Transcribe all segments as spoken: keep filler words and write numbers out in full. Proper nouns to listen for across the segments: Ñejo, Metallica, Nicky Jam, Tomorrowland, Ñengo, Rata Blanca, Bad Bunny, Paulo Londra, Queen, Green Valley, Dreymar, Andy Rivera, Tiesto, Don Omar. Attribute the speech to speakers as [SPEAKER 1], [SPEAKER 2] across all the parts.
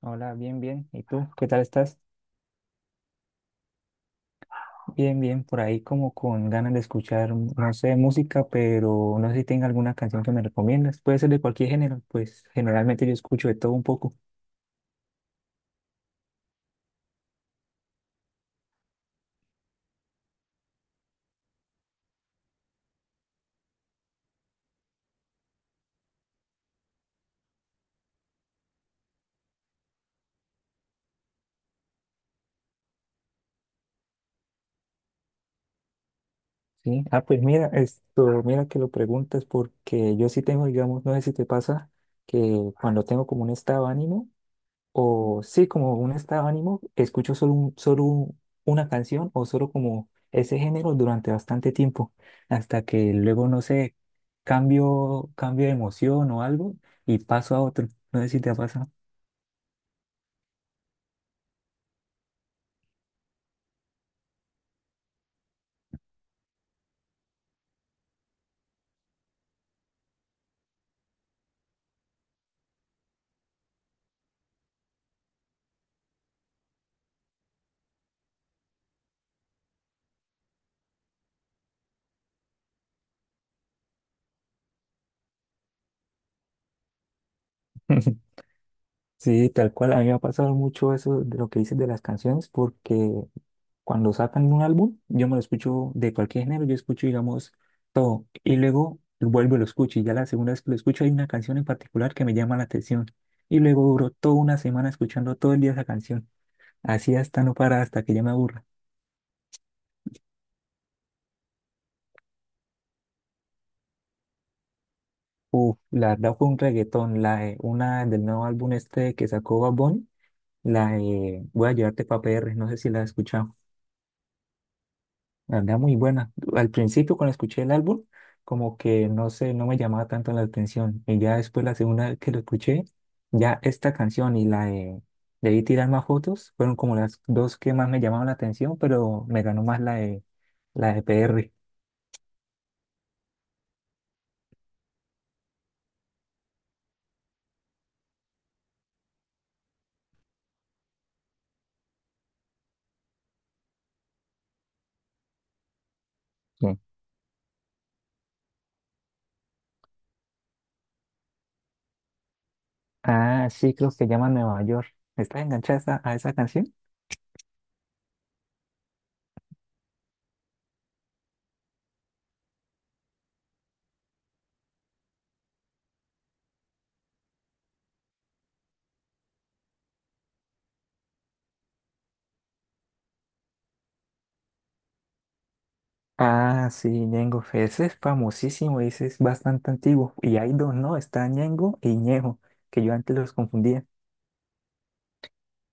[SPEAKER 1] Hola, bien, bien. ¿Y tú? ¿Qué tal estás? Bien, bien. Por ahí como con ganas de escuchar, no sé, música, pero no sé si tenga alguna canción que me recomiendas. Puede ser de cualquier género, pues generalmente yo escucho de todo un poco. Sí. Ah, pues mira, esto, mira que lo preguntas porque yo sí tengo, digamos, no sé si te pasa que cuando tengo como un estado de ánimo, o sí, como un estado de ánimo, escucho solo, un- solo un- una canción o solo como ese género durante bastante tiempo, hasta que luego, no sé, cambio, cambio de emoción o algo y paso a otro. No sé si te ha pasado. Sí, tal cual, a mí me ha pasado mucho eso de lo que dices de las canciones, porque cuando sacan un álbum, yo me lo escucho de cualquier género, yo escucho, digamos, todo. Y luego vuelvo y lo escucho. Y ya la segunda vez que lo escucho hay una canción en particular que me llama la atención. Y luego duro toda una semana escuchando todo el día esa canción. Así hasta no para, hasta que ya me aburra. Uf, la verdad fue un reggaetón, la de- una del nuevo álbum este que sacó Bad Bunny, la de Voy a llevarte pa' P R, no sé si la has escuchado. La verdad, muy buena. Al principio, cuando escuché el álbum, como que no sé, no me llamaba tanto la atención. Y ya después, la segunda vez que lo escuché, ya esta canción y la de Debí tirar más fotos fueron como las dos que más me llamaban la atención, pero me ganó más la de, la de P R. Sí. Ah, sí, creo que llama Nueva York. ¿Estás enganchada a esa, a esa canción? Ah, sí, Ñengo. Ese es famosísimo, ese es bastante antiguo. Y hay dos, ¿no? Está Ñengo y Ñejo, que yo antes los confundía.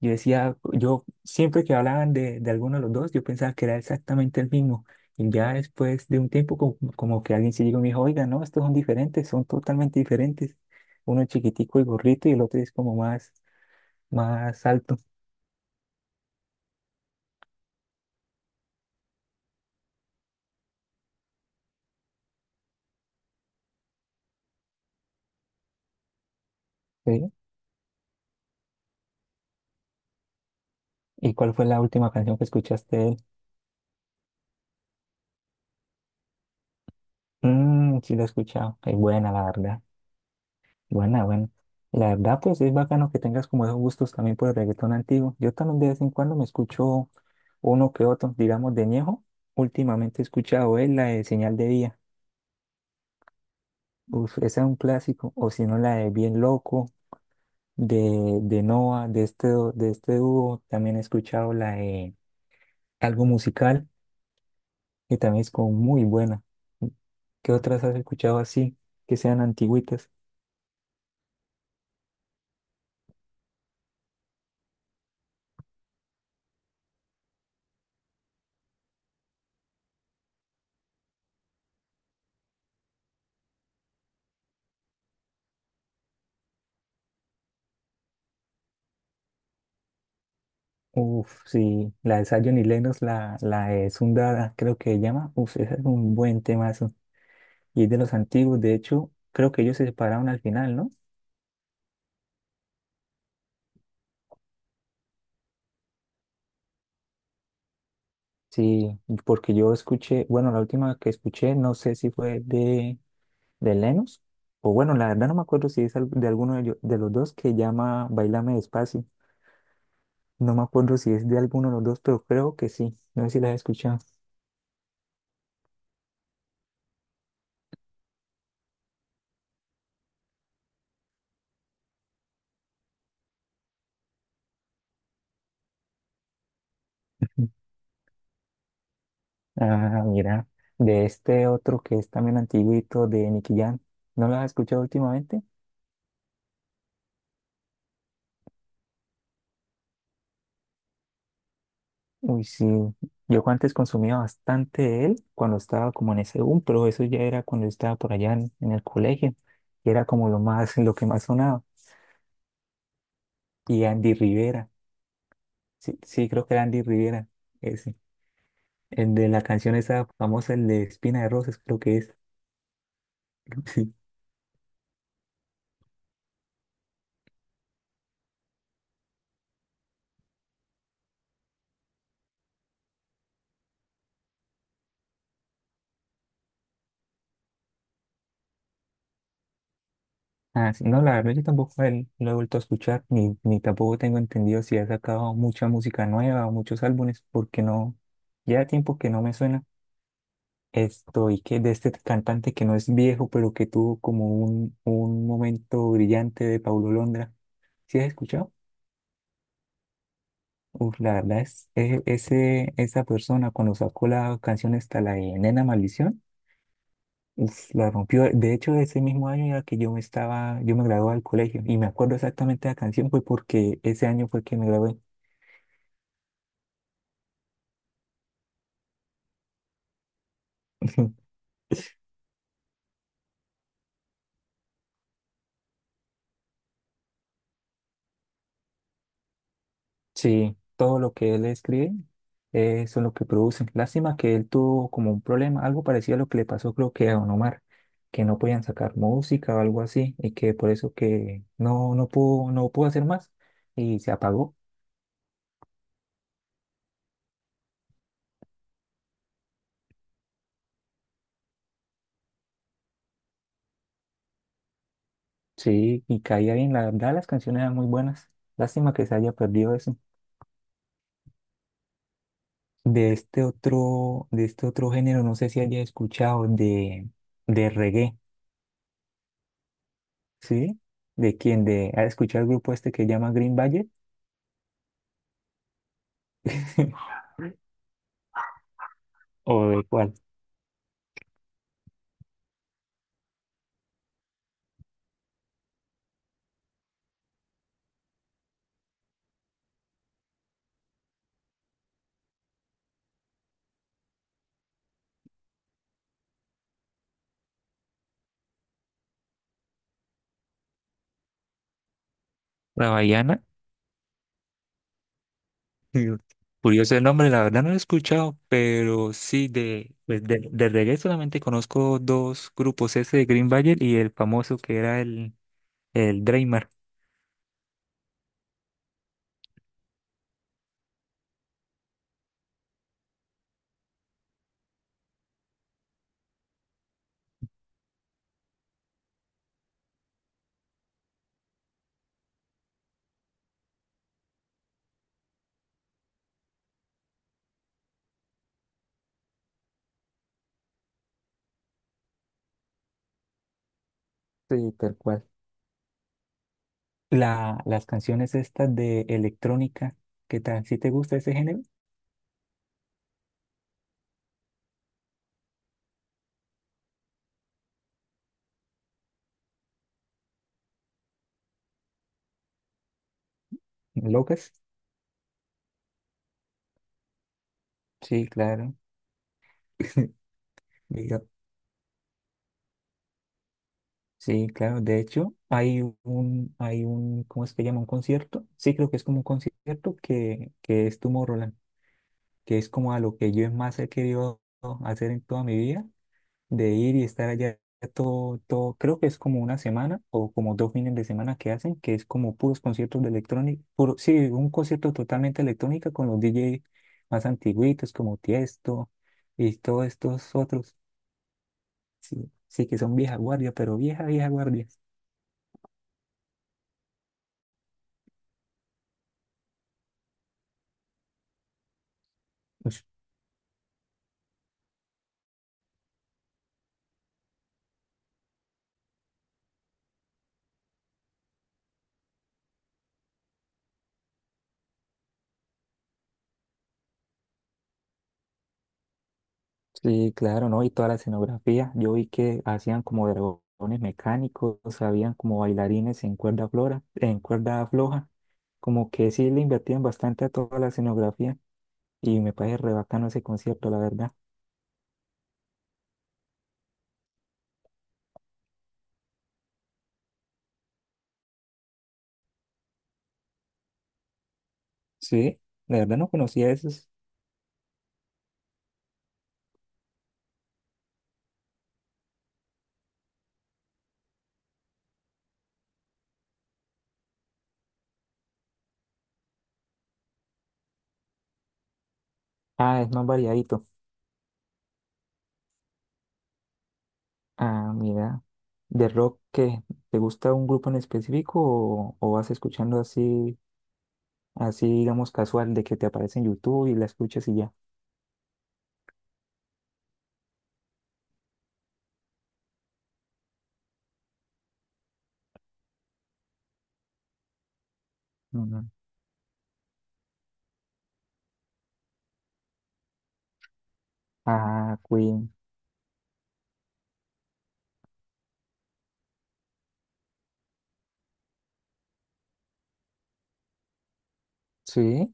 [SPEAKER 1] Yo decía, yo siempre que hablaban de, de alguno de los dos, yo pensaba que era exactamente el mismo. Y ya después de un tiempo, como, como que alguien se llegó y me dijo, oiga, no, estos son diferentes, son totalmente diferentes. Uno es chiquitico y gorrito y el otro es como más, más alto. ¿Sí? ¿Y cuál fue la última canción que escuchaste de él? Mm, sí, la he escuchado. Es buena, la verdad. Buena, buena. La verdad, pues es bacano que tengas como esos gustos también por el reggaetón antiguo. Yo también de vez en cuando me escucho uno que otro, digamos, de Ñejo. Últimamente he escuchado es la de Señal de Día. Uf, esa es un clásico. O si no, la de Bien Loco, de, de Noah, de este, do- de este dúo. También he escuchado la de Algo Musical, que también es como muy buena. ¿Qué otras has escuchado así, que sean antiguitas? Uf, sí, la de Zion y Lennox, la, la de Sundada, creo que se llama. Uf, ese es un buen temazo. Y es de los antiguos, de hecho, creo que ellos se separaron al final, ¿no? Sí, porque yo escuché, bueno, la última que escuché, no sé si fue de, de Lennox, o bueno, la verdad no me acuerdo si es al- de alguno de, ello- de los dos que llama Bailame Despacio. No me acuerdo si es de alguno de los dos, pero creo que sí. No sé si la has escuchado. Ah, mira, de este otro que es también antiguito de Nicky Jam. ¿No la has escuchado últimamente? Uy, sí. Yo antes consumía bastante de él cuando estaba como en ese boom, pero eso ya era cuando estaba por allá en, en el colegio. Y era como lo más, lo que más sonaba. Y Andy Rivera. Sí, sí, creo que era Andy Rivera. Ese. El de la canción esa famosa, el de Espina de Rosas, creo que es. Sí. Ah, sí. No, la verdad yo tampoco él lo he vuelto a escuchar, ni, ni tampoco tengo entendido si ha sacado mucha música nueva o muchos álbumes, porque no, ya tiempo que no me suena. Esto, y que de este cantante que no es viejo, pero que tuvo como un, un momento brillante de Paulo Londra. ¿Sí has escuchado? Uf, la verdad es, e- ese, esa persona cuando sacó la canción esta, la de Nena Maldición, uf, la rompió. De hecho, ese mismo año era que yo me estaba, yo me gradué del colegio y me acuerdo exactamente de la canción fue porque ese año fue que me gradué. Sí, todo lo que él escribe eh, son lo que producen. Lástima que él tuvo como un problema, algo parecido a lo que le pasó creo que a Don Omar, que no podían sacar música o algo así y que por eso que no, no pudo, no pudo hacer más y se apagó. Sí, y caía bien, la verdad las canciones eran muy buenas. Lástima que se haya perdido eso. De este otro, de este otro género, no sé si haya escuchado de, de reggae, ¿sí? ¿De quién? ¿De, ha escuchado el grupo este que se llama Green Valley? ¿O de cuál? La Baiana, mm, curioso el nombre, la verdad no lo he escuchado, pero sí de, pues de, de reggae solamente conozco dos grupos, ese de Green Valley y el famoso que era el, el Dreymar. Sí, tal cual. La, las canciones estas de electrónica, ¿qué tal? ¿Sí te gusta ese género? ¿Locas? Sí, claro. Diga- Sí, claro. De hecho, hay un, hay un, ¿cómo es que llama? Un concierto. Sí, creo que es como un concierto que, que es Tomorrowland, que es como a lo que yo más he querido hacer en toda mi vida, de ir y estar allá todo, todo, creo que es como una semana o como dos fines de semana que hacen, que es como puros conciertos de electrónica, puro, sí, un concierto totalmente electrónica con los D J más antiguitos como Tiesto y todos estos otros, sí, sí que son vieja guardia, pero vieja, vieja guardia. Sí, claro, ¿no? Y toda la escenografía. Yo vi que hacían como dragones mecánicos, habían como bailarines en cuerda flora, en cuerda floja. Como que sí le invertían bastante a toda la escenografía y me parece re bacano ese concierto, la verdad. Sí, la verdad no conocía esos. Ah, es más variadito. Ah, mira, de rock, ¿qué? ¿Te gusta un grupo en específico o, o vas escuchando así, así digamos casual, de que te aparece en YouTube y la escuchas y ya? Ujú. Ah, Queen. Sí.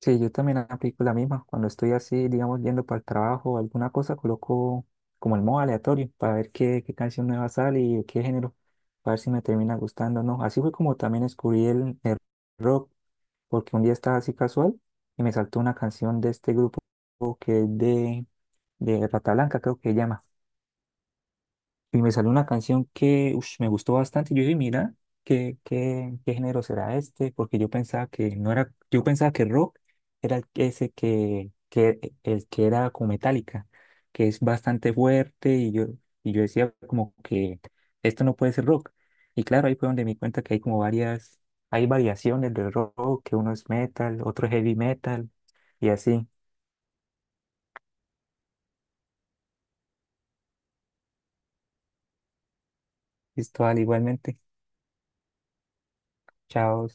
[SPEAKER 1] Sí, yo también aplico la misma. Cuando estoy así, digamos, yendo para el trabajo o alguna cosa, coloco como el modo aleatorio para ver qué, qué canción nueva sale y de qué género, para ver si me termina gustando o no. Así fue como también descubrí el, el rock, porque un día estaba así casual y me saltó una canción de este grupo que es de, de Rata Blanca, creo que se llama. Y me salió una canción que ush, me gustó bastante. Y yo dije, mira, ¿qué, qué, qué género será este? Porque yo pensaba que no era, yo pensaba que rock era el- ese que, que el que era como Metallica, que es bastante fuerte. Y yo, y yo decía como que esto no puede ser rock. Y claro, ahí fue donde me di cuenta que hay como varias, hay variaciones del rock, que uno es metal, otro es heavy metal, y así. Listo, al igualmente. Chao.